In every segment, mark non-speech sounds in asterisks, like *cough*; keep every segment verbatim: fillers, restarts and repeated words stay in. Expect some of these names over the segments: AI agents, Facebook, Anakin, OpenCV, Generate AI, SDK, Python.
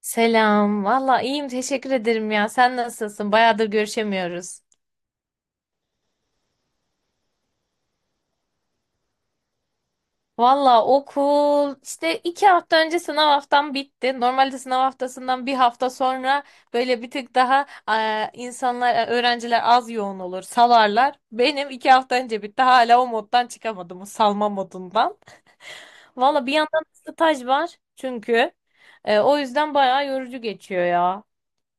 Selam. Valla iyiyim. Teşekkür ederim ya. Sen nasılsın? Bayağıdır görüşemiyoruz. Valla okul işte iki hafta önce sınav haftam bitti. Normalde sınav haftasından bir hafta sonra böyle bir tık daha e, insanlar, e, öğrenciler az yoğun olur, salarlar. Benim iki hafta önce bitti. Hala o moddan çıkamadım, o salma modundan. Valla bir yandan staj var çünkü. E, o yüzden bayağı yorucu geçiyor ya.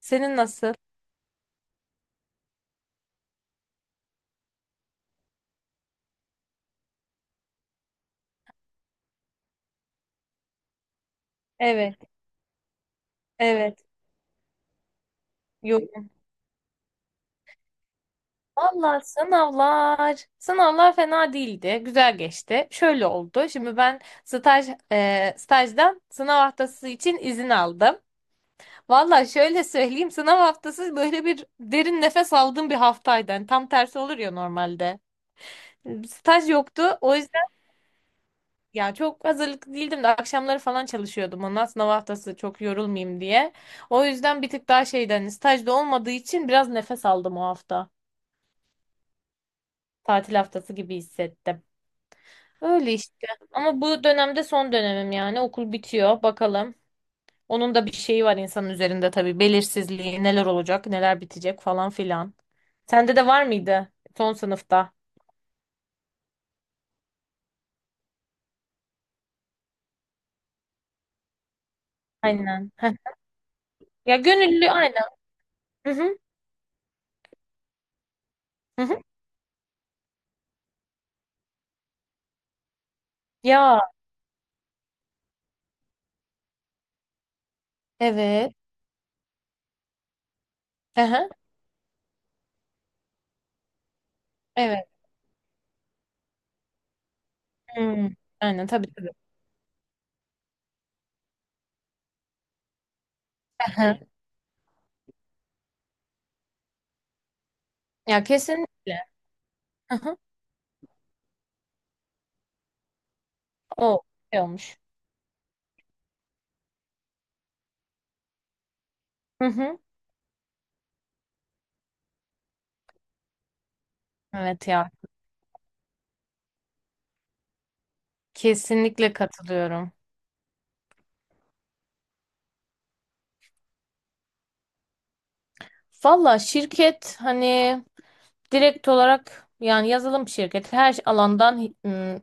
Senin nasıl? Evet, evet. Yok. Valla sınavlar, sınavlar fena değildi, güzel geçti. Şöyle oldu, şimdi ben staj e, stajdan sınav haftası için izin aldım. Valla şöyle söyleyeyim, sınav haftası böyle bir derin nefes aldığım bir haftaydı. Yani tam tersi olur ya normalde. Staj yoktu, o yüzden ya çok hazırlıklı değildim de akşamları falan çalışıyordum ondan sınav haftası çok yorulmayayım diye. O yüzden bir tık daha şeyden stajda olmadığı için biraz nefes aldım o hafta. Tatil haftası gibi hissettim. Öyle işte. Ama bu dönemde son dönemim yani. Okul bitiyor. Bakalım. Onun da bir şeyi var insanın üzerinde tabii. Belirsizliği, neler olacak, neler bitecek falan filan. Sende de var mıydı son sınıfta? Aynen. Heh. Ya gönüllü aynen. Hı hı. Hı hı. Ya evet. Hı hı. Evet. Hmm. Aynen, tabii tabii. Hı hı. Ya kesinlikle. Hı hı. O şey olmuş. Hı hı. Evet ya. Kesinlikle katılıyorum. Valla şirket hani Direkt olarak yani yazılım şirketi her alandan ım,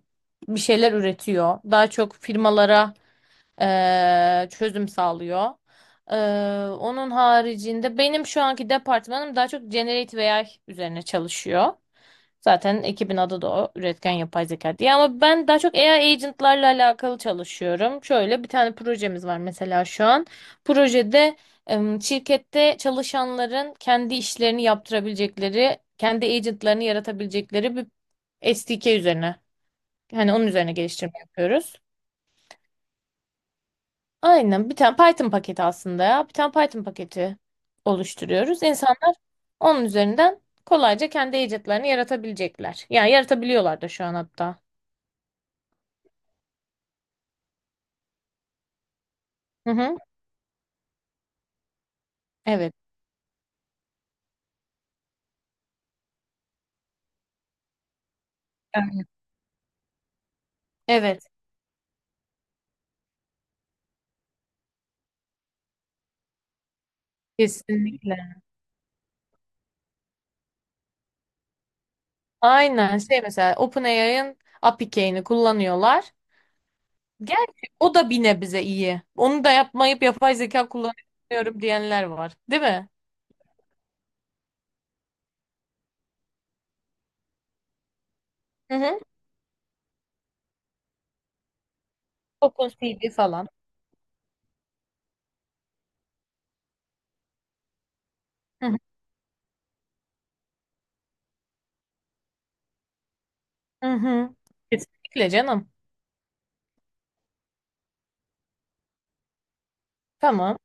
bir şeyler üretiyor. Daha çok firmalara eee, çözüm sağlıyor. Eee, onun haricinde benim şu anki departmanım daha çok Generate A I üzerine çalışıyor. Zaten ekibin adı da o. Üretken yapay zeka diye. Ama ben daha çok A I agentlarla alakalı çalışıyorum. Şöyle bir tane projemiz var mesela şu an. Projede em, şirkette çalışanların kendi işlerini yaptırabilecekleri, kendi agentlarını yaratabilecekleri bir S D K üzerine. Yani onun üzerine geliştirme yapıyoruz. Aynen, bir tane Python paketi aslında ya. Bir tane Python paketi oluşturuyoruz. İnsanlar onun üzerinden kolayca kendi agentlarını yaratabilecekler. Yani yaratabiliyorlar da şu an hatta. Hı hı. Evet. Yani Evet. Kesinlikle. Aynen şey, mesela OpenAI'ın A P I key'ini kullanıyorlar. Gerçi o da bir nebze iyi. Onu da yapmayıp yapay zeka kullanıyorum diyenler var. Değil mi? Hı hı. OpenCV falan. Hı hı. Hı hı. Kesinlikle canım. Tamam.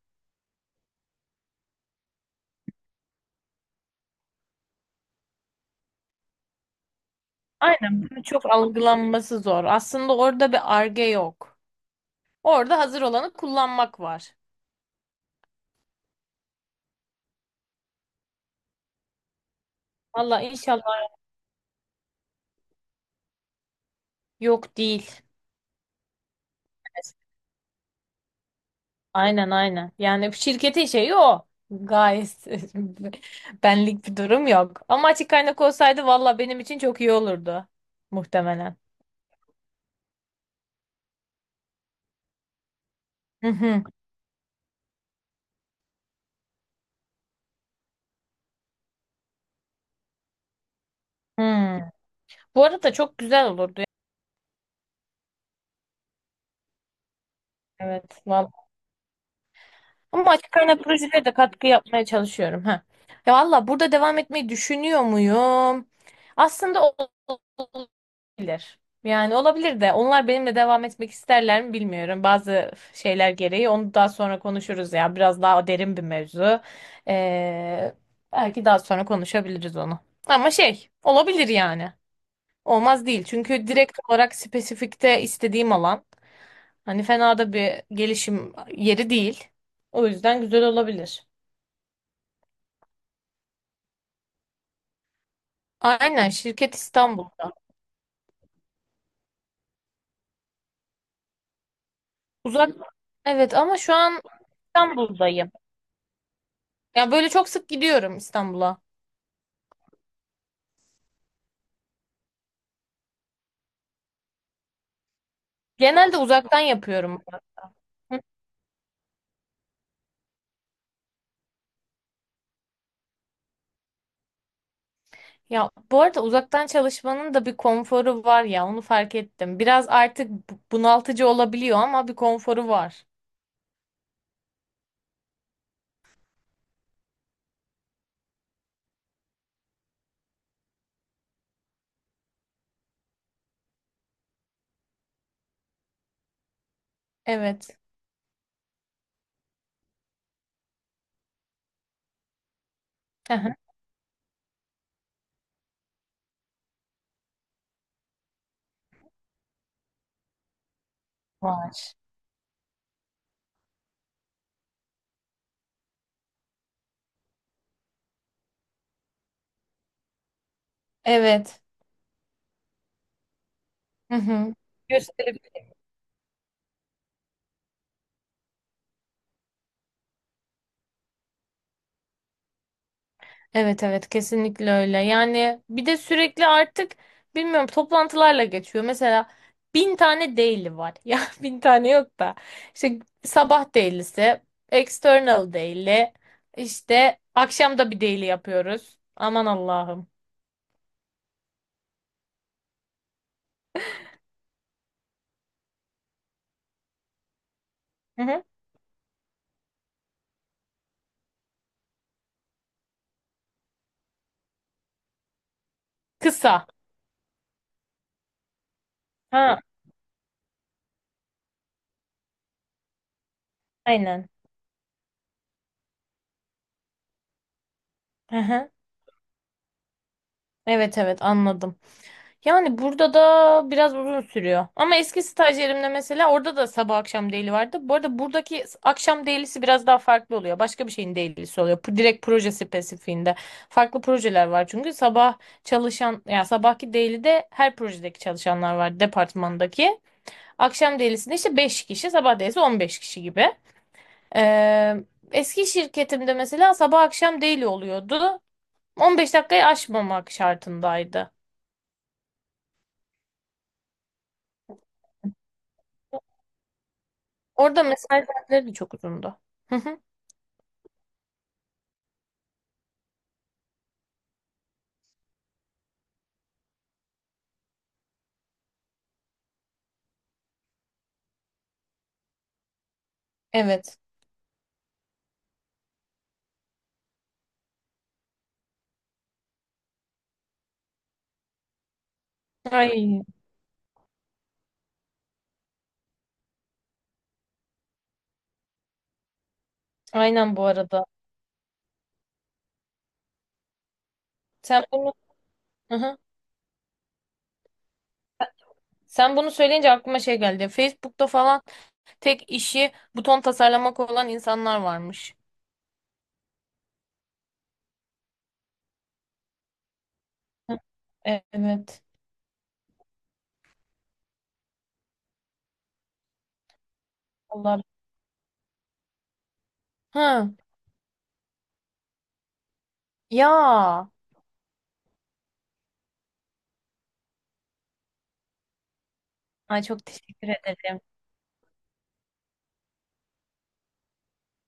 Aynen. Bunu Çok algılanması zor. Aslında orada bir arge yok. Orada hazır olanı kullanmak var. Valla inşallah yok değil. Aynen aynen. Yani şirketin şeyi o. Gayet *laughs* benlik bir durum yok. Ama açık kaynak olsaydı valla benim için çok iyi olurdu. Muhtemelen. Hı hı. Hı. Bu arada çok güzel olurdu. Evet valla. Ama açık kaynak projelere de katkı yapmaya çalışıyorum. Ha. Ya valla burada devam etmeyi düşünüyor muyum? Aslında o- olabilir. Yani olabilir de onlar benimle devam etmek isterler mi bilmiyorum. Bazı şeyler gereği onu daha sonra konuşuruz ya. Biraz daha derin bir mevzu. Ee, belki daha sonra konuşabiliriz onu. Ama şey olabilir yani. Olmaz değil. Çünkü direkt olarak spesifikte istediğim alan. Hani fena da bir gelişim yeri değil. O yüzden güzel olabilir. Aynen, şirket İstanbul'da. Uzak. Evet ama şu an İstanbul'dayım. Ya böyle çok sık gidiyorum İstanbul'a. Genelde uzaktan yapıyorum. ben. Ya bu arada uzaktan çalışmanın da bir konforu var ya onu fark ettim. Biraz artık bu- bunaltıcı olabiliyor ama bir konforu var. Evet. Aha. Var. Evet. Hı hı. Evet evet, kesinlikle öyle. Yani bir de sürekli artık bilmiyorum toplantılarla geçiyor. Mesela bin tane daily var. *laughs* Ya bin tane yok da. İşte sabah daily'si, external daily, işte akşam da bir daily yapıyoruz. Aman Allah'ım. Hı hı. Kısa. Ha, aynen. Hı hı. Evet evet, anladım. Yani burada da biraz uzun sürüyor. Ama eski stajyerimde mesela orada da sabah akşam daily vardı. Bu arada buradaki akşam daily'si biraz daha farklı oluyor. Başka bir şeyin daily'si oluyor. Pu- Direkt proje spesifiğinde. Farklı projeler var çünkü sabah çalışan ya sabahki daily'de her projedeki çalışanlar var departmandaki. Akşam daily'sinde işte beş kişi, sabah daily'si on beş kişi gibi. Ee, eski şirketimde mesela sabah akşam daily oluyordu. On beş dakikayı aşmamak şartındaydı. Orada mesai saatleri de çok uzundu. Hı hı. Evet. Ay, aynen bu arada. Sen bunu, hı hı. Sen bunu söyleyince aklıma şey geldi. Facebook'ta falan tek işi buton tasarlamak olan insanlar varmış. Hı. Evet. Allah. Hı. Ya. Ay çok teşekkür ederim.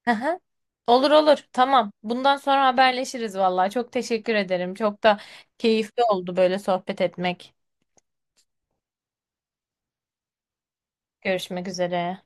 Hı hı. Olur olur. Tamam. Bundan sonra haberleşiriz vallahi. Çok teşekkür ederim. Çok da keyifli oldu böyle sohbet etmek. Görüşmek üzere.